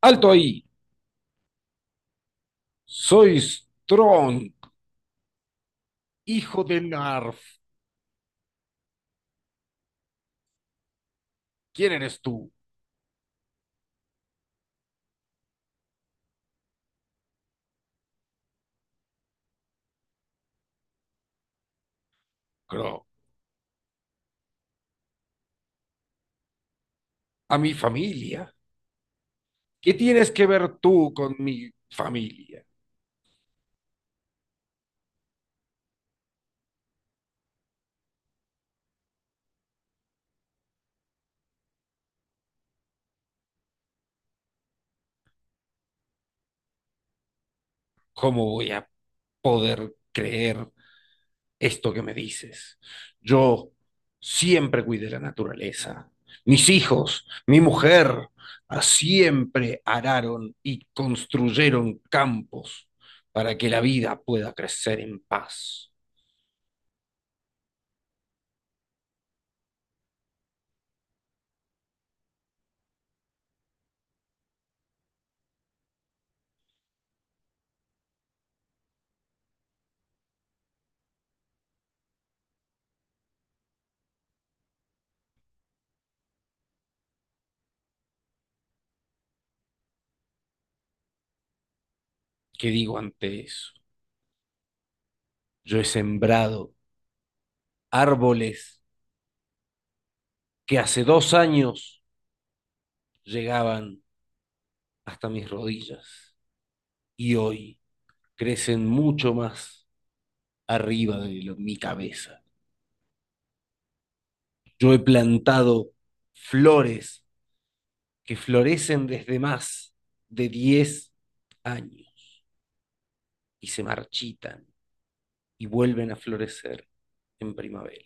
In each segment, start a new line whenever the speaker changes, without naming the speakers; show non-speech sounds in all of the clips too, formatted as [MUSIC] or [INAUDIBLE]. Alto ahí. Soy Strong, hijo de Narf. ¿Quién eres tú? Croc. A mi familia. ¿Qué tienes que ver tú con mi familia? ¿Cómo voy a poder creer esto que me dices? Yo siempre cuidé la naturaleza. Mis hijos, mi mujer, siempre araron y construyeron campos para que la vida pueda crecer en paz. ¿Qué digo ante eso? Yo he sembrado árboles que hace 2 años llegaban hasta mis rodillas y hoy crecen mucho más arriba de mi cabeza. Yo he plantado flores que florecen desde más de 10 años y se marchitan y vuelven a florecer en primavera.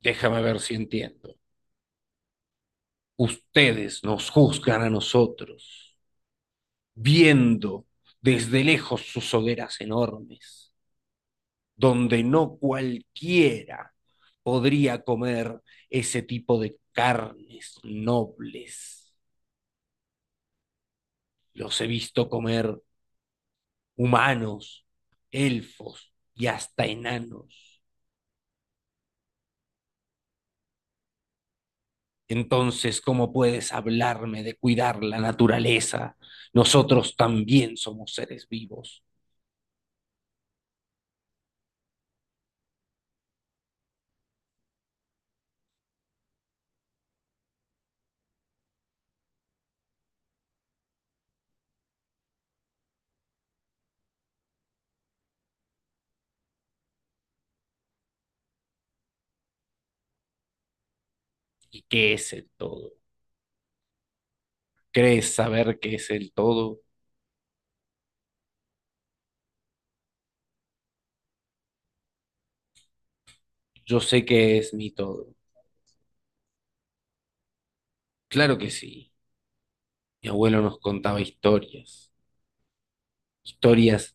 Déjame ver si entiendo. Ustedes nos juzgan a nosotros viendo desde lejos sus hogueras enormes, donde no cualquiera podría comer ese tipo de carnes nobles. Los he visto comer humanos, elfos y hasta enanos. Entonces, ¿cómo puedes hablarme de cuidar la naturaleza? Nosotros también somos seres vivos. ¿Y qué es el todo? ¿Crees saber qué es el todo? Yo sé que es mi todo. Claro que sí. Mi abuelo nos contaba historias, historias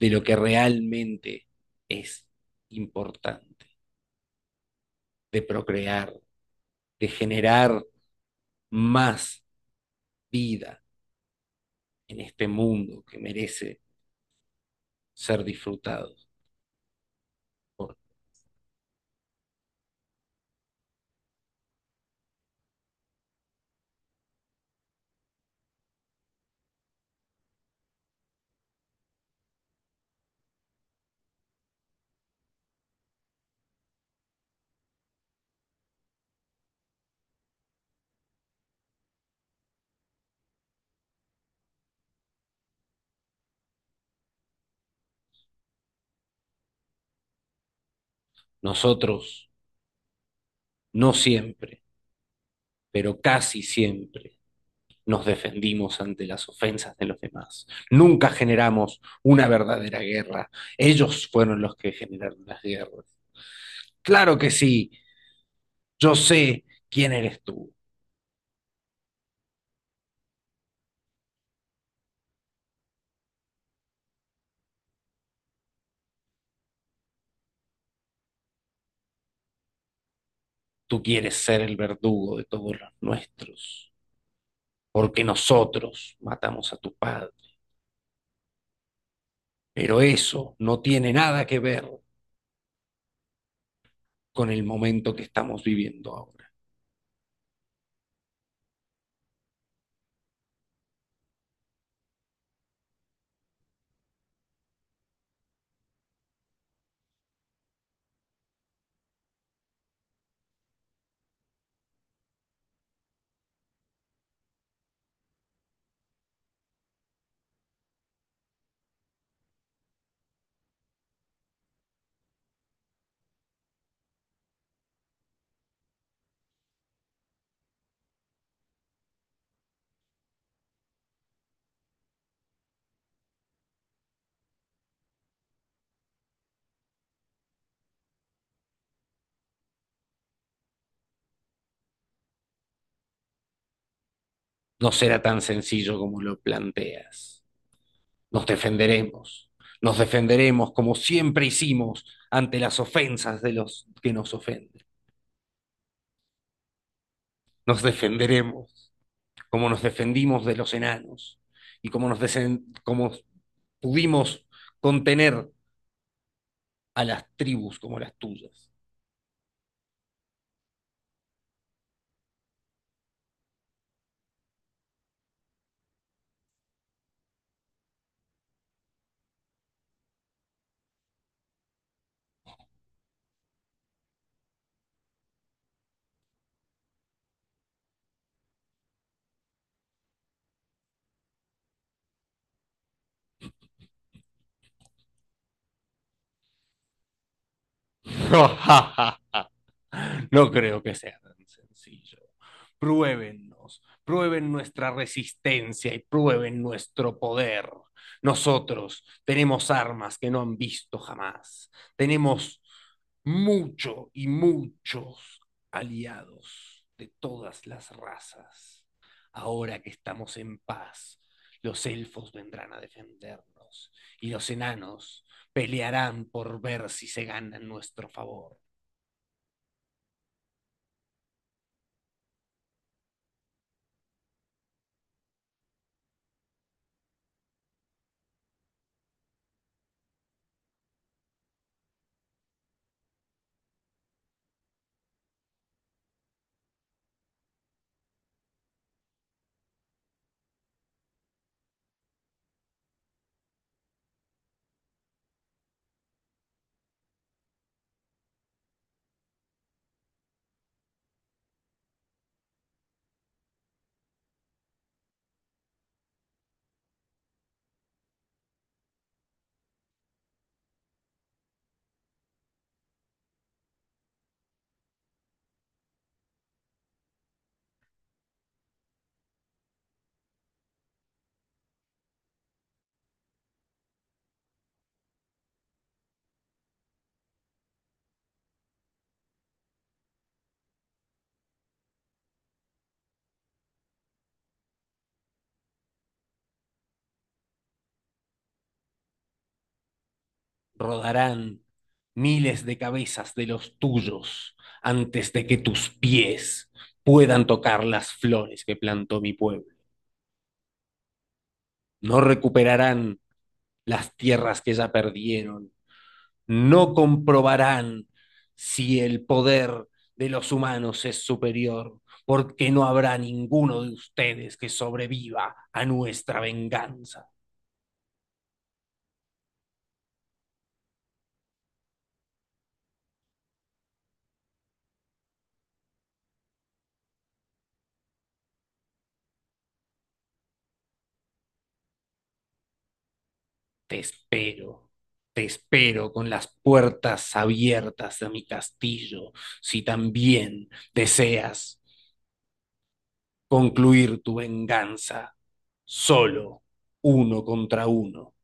de lo que realmente es importante, de procrear, de generar más vida en este mundo que merece ser disfrutado por nosotros, no siempre, pero casi siempre. Nos defendimos ante las ofensas de los demás. Nunca generamos una verdadera guerra. Ellos fueron los que generaron las guerras. Claro que sí, yo sé quién eres tú. Tú quieres ser el verdugo de todos los nuestros, porque nosotros matamos a tu padre. Pero eso no tiene nada que ver con el momento que estamos viviendo ahora. No será tan sencillo como lo planteas. Nos defenderemos. Nos defenderemos como siempre hicimos ante las ofensas de los que nos ofenden. Nos defenderemos. Cómo nos defendimos de los enanos y cómo pudimos contener a las tribus como las tuyas. [LAUGHS] No creo que sea tan sencillo. Pruébennos, prueben nuestra resistencia y prueben nuestro poder. Nosotros tenemos armas que no han visto jamás. Tenemos mucho y muchos aliados de todas las razas. Ahora que estamos en paz, los elfos vendrán a defendernos y los enanos pelearán por ver si se ganan nuestro favor. Rodarán miles de cabezas de los tuyos antes de que tus pies puedan tocar las flores que plantó mi pueblo. No recuperarán las tierras que ya perdieron, no comprobarán si el poder de los humanos es superior, porque no habrá ninguno de ustedes que sobreviva a nuestra venganza. Te espero, te espero con las puertas abiertas de mi castillo, si también deseas concluir tu venganza, solo uno contra uno.